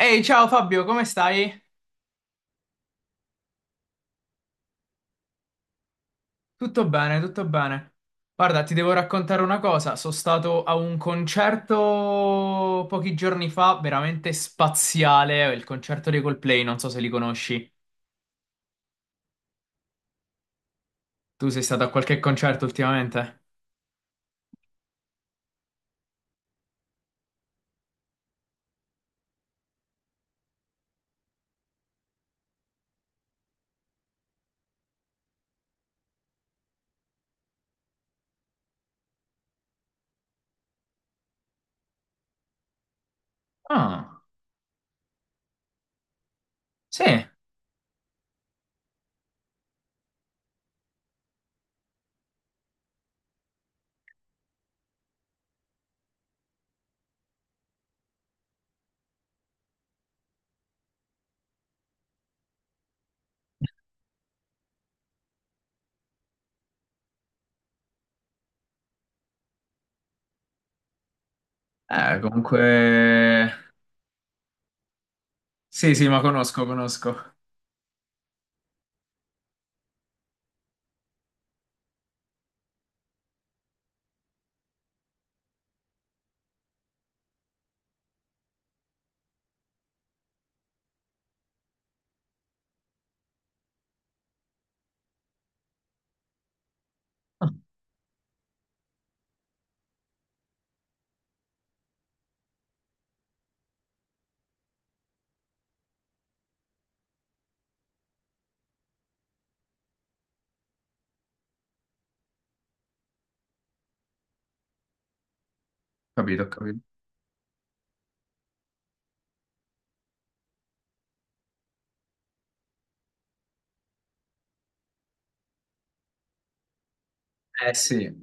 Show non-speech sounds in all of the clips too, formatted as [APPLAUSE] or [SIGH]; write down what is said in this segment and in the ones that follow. Ehi, ciao Fabio, come stai? Tutto bene, tutto bene. Guarda, ti devo raccontare una cosa. Sono stato a un concerto pochi giorni fa, veramente spaziale, il concerto dei Coldplay, non so se li conosci. Tu sei stato a qualche concerto ultimamente? Ah, sì. Comunque... Sì, sì, ma conosco. Capito, capito. Eh sì.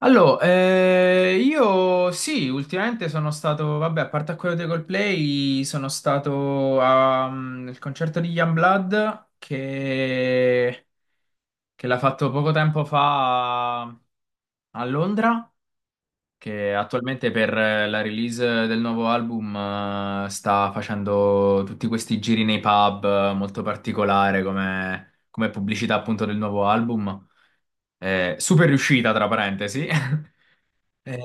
Allora, io sì, ultimamente sono stato, vabbè, a parte a quello dei Coldplay, sono stato a, al concerto di Youngblood che l'ha fatto poco tempo fa a Londra, che attualmente per la release del nuovo album sta facendo tutti questi giri nei pub, molto particolare come, come pubblicità appunto del nuovo album. Super riuscita, tra parentesi. [LAUGHS] Eh,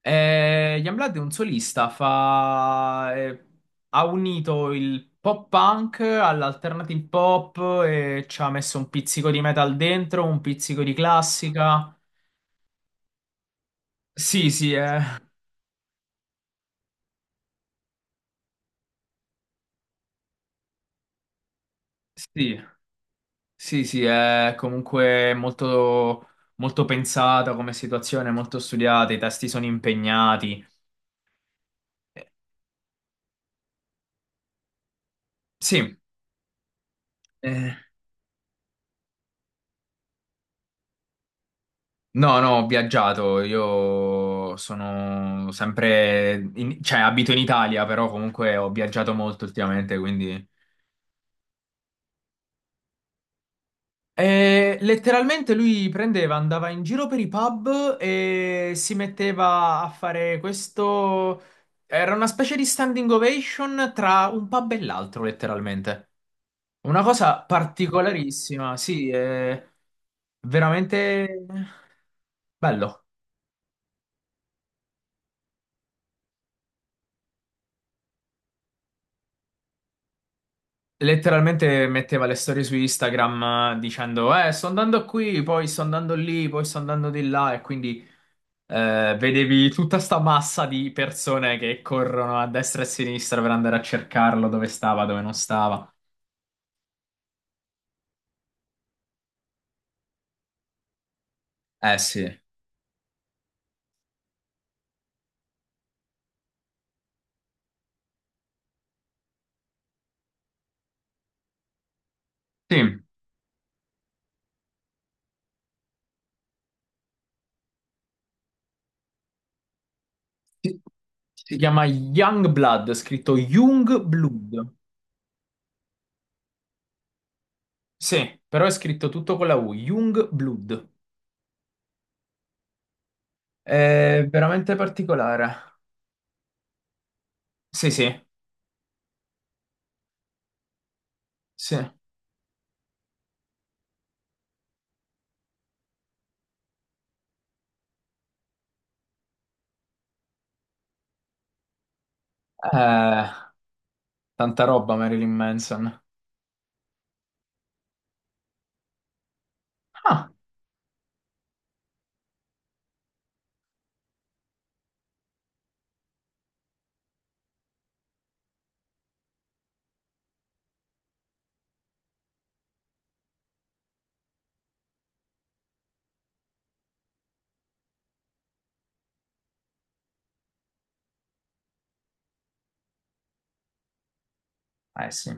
Ian Blood è un solista, ha unito il pop punk all'alternative pop e ci ha messo un pizzico di metal dentro, un pizzico di classica. Sì, sì, è... sì, sì, sì, è comunque molto, molto pensata come situazione, molto studiata, i testi sono impegnati. Eh, Sì, eh, no, no, ho viaggiato, io sono sempre, cioè abito in Italia, però comunque ho viaggiato molto ultimamente, quindi... E letteralmente lui prendeva, andava in giro per i pub e si metteva a fare questo... Era una specie di standing ovation tra un pub e l'altro, letteralmente. Una cosa particolarissima, sì, è veramente bello. Letteralmente metteva le storie su Instagram, dicendo: sto andando qui, poi sto andando lì, poi sto andando di là. E quindi vedevi tutta sta massa di persone che corrono a destra e a sinistra per andare a cercarlo dove stava, dove non stava. Eh sì. Sì, si si chiama Youngblood, scritto Youngblood. Sì, però è scritto tutto con la U, Youngblood. È veramente particolare. Sì, sì, sì. Eh, tanta roba, Marilyn Manson. Ah, eh sì.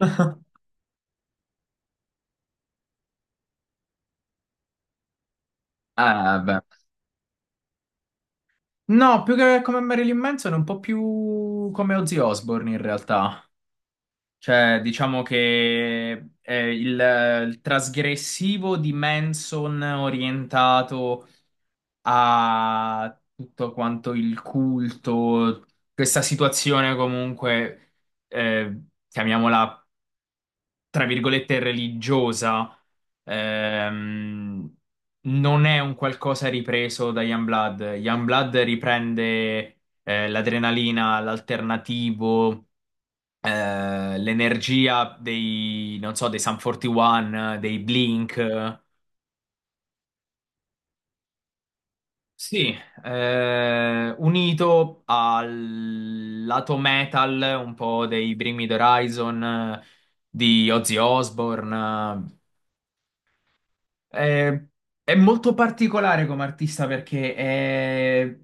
[LAUGHS] Beh. No, più che come Marilyn Manson, è un po' più come Ozzy Osbourne in realtà. Cioè, diciamo che è il trasgressivo di Manson orientato a tutto quanto il culto, questa situazione comunque, eh, chiamiamola tra virgolette, religiosa, ehm, non è un qualcosa ripreso da Youngblood. Youngblood riprende, l'adrenalina, l'alternativo, l'energia dei, non so, dei Sum 41, dei Blink. Sì, unito al lato metal un po' dei Bring Me the Horizon, di Ozzy Osbourne. Eh, è molto particolare come artista perché è-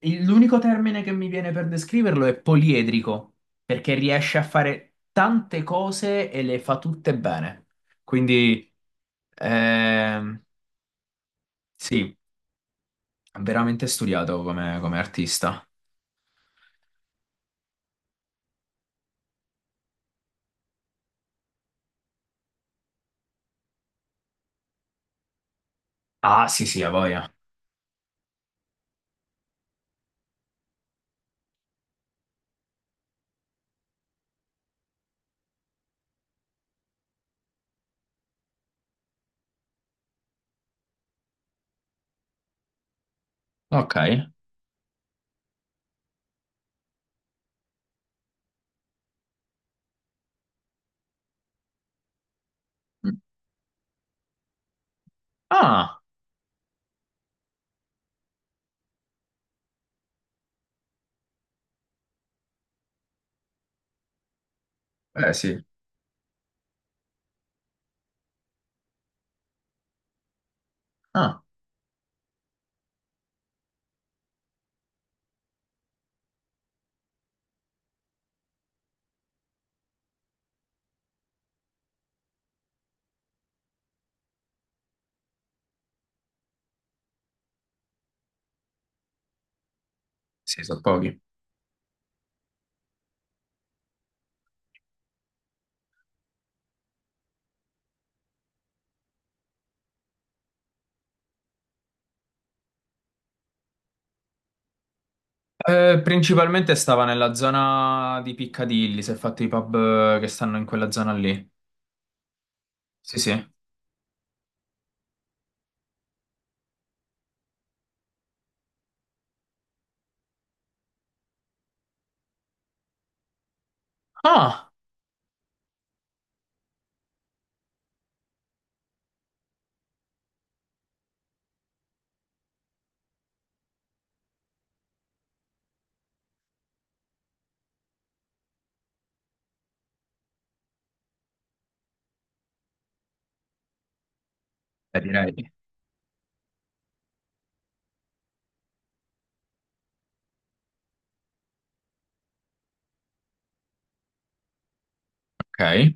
il- l'unico termine che mi viene per descriverlo è poliedrico, perché riesce a fare tante cose e le fa tutte bene. Quindi ehm, sì, è veramente studiato come, come artista. Ah, sì, sì, a voglia. Ok. Mm. Ah, eh sì. Ah, sì, sono pochi. Principalmente stava nella zona di Piccadilly, si è fatto i pub, che stanno in quella zona lì. Sì, sì. Ah, eh, direi. Ok.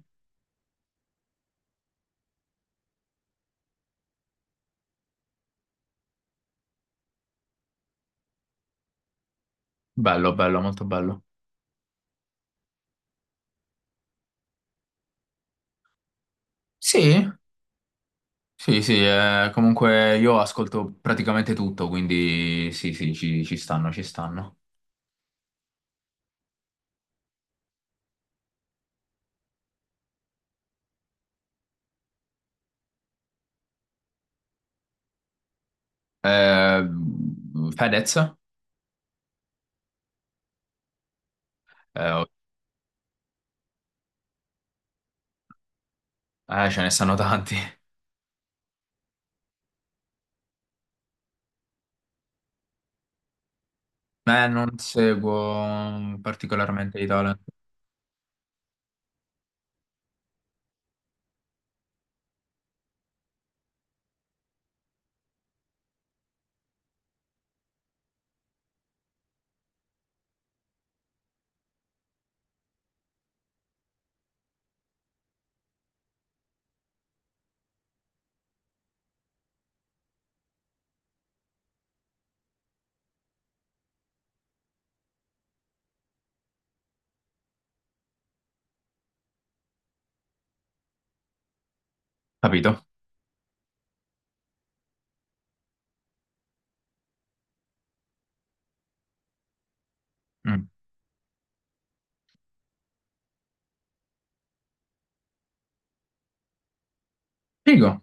Bello, bello, molto bello. Sì, sì, sì, comunque io ascolto praticamente tutto, quindi sì, sì, ci stanno, ci stanno. Eh, Fedez? Oh, ce ne stanno tanti. Non seguo particolarmente i talent. Capito? Mm. Figo.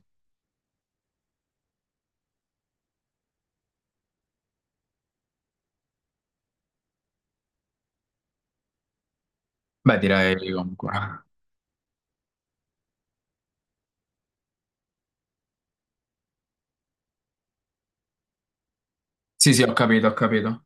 Beh, direi comunque. Sì, sì, ho capito, ho capito.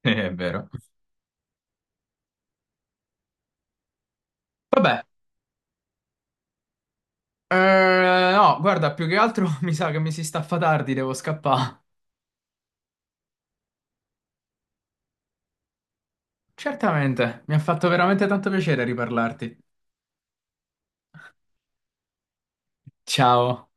[LAUGHS] È vero. Vabbè, no, guarda, più che altro [LAUGHS] mi sa che mi si staffa tardi, devo scappare. Certamente, mi ha fatto veramente tanto piacere riparlarti. Ciao.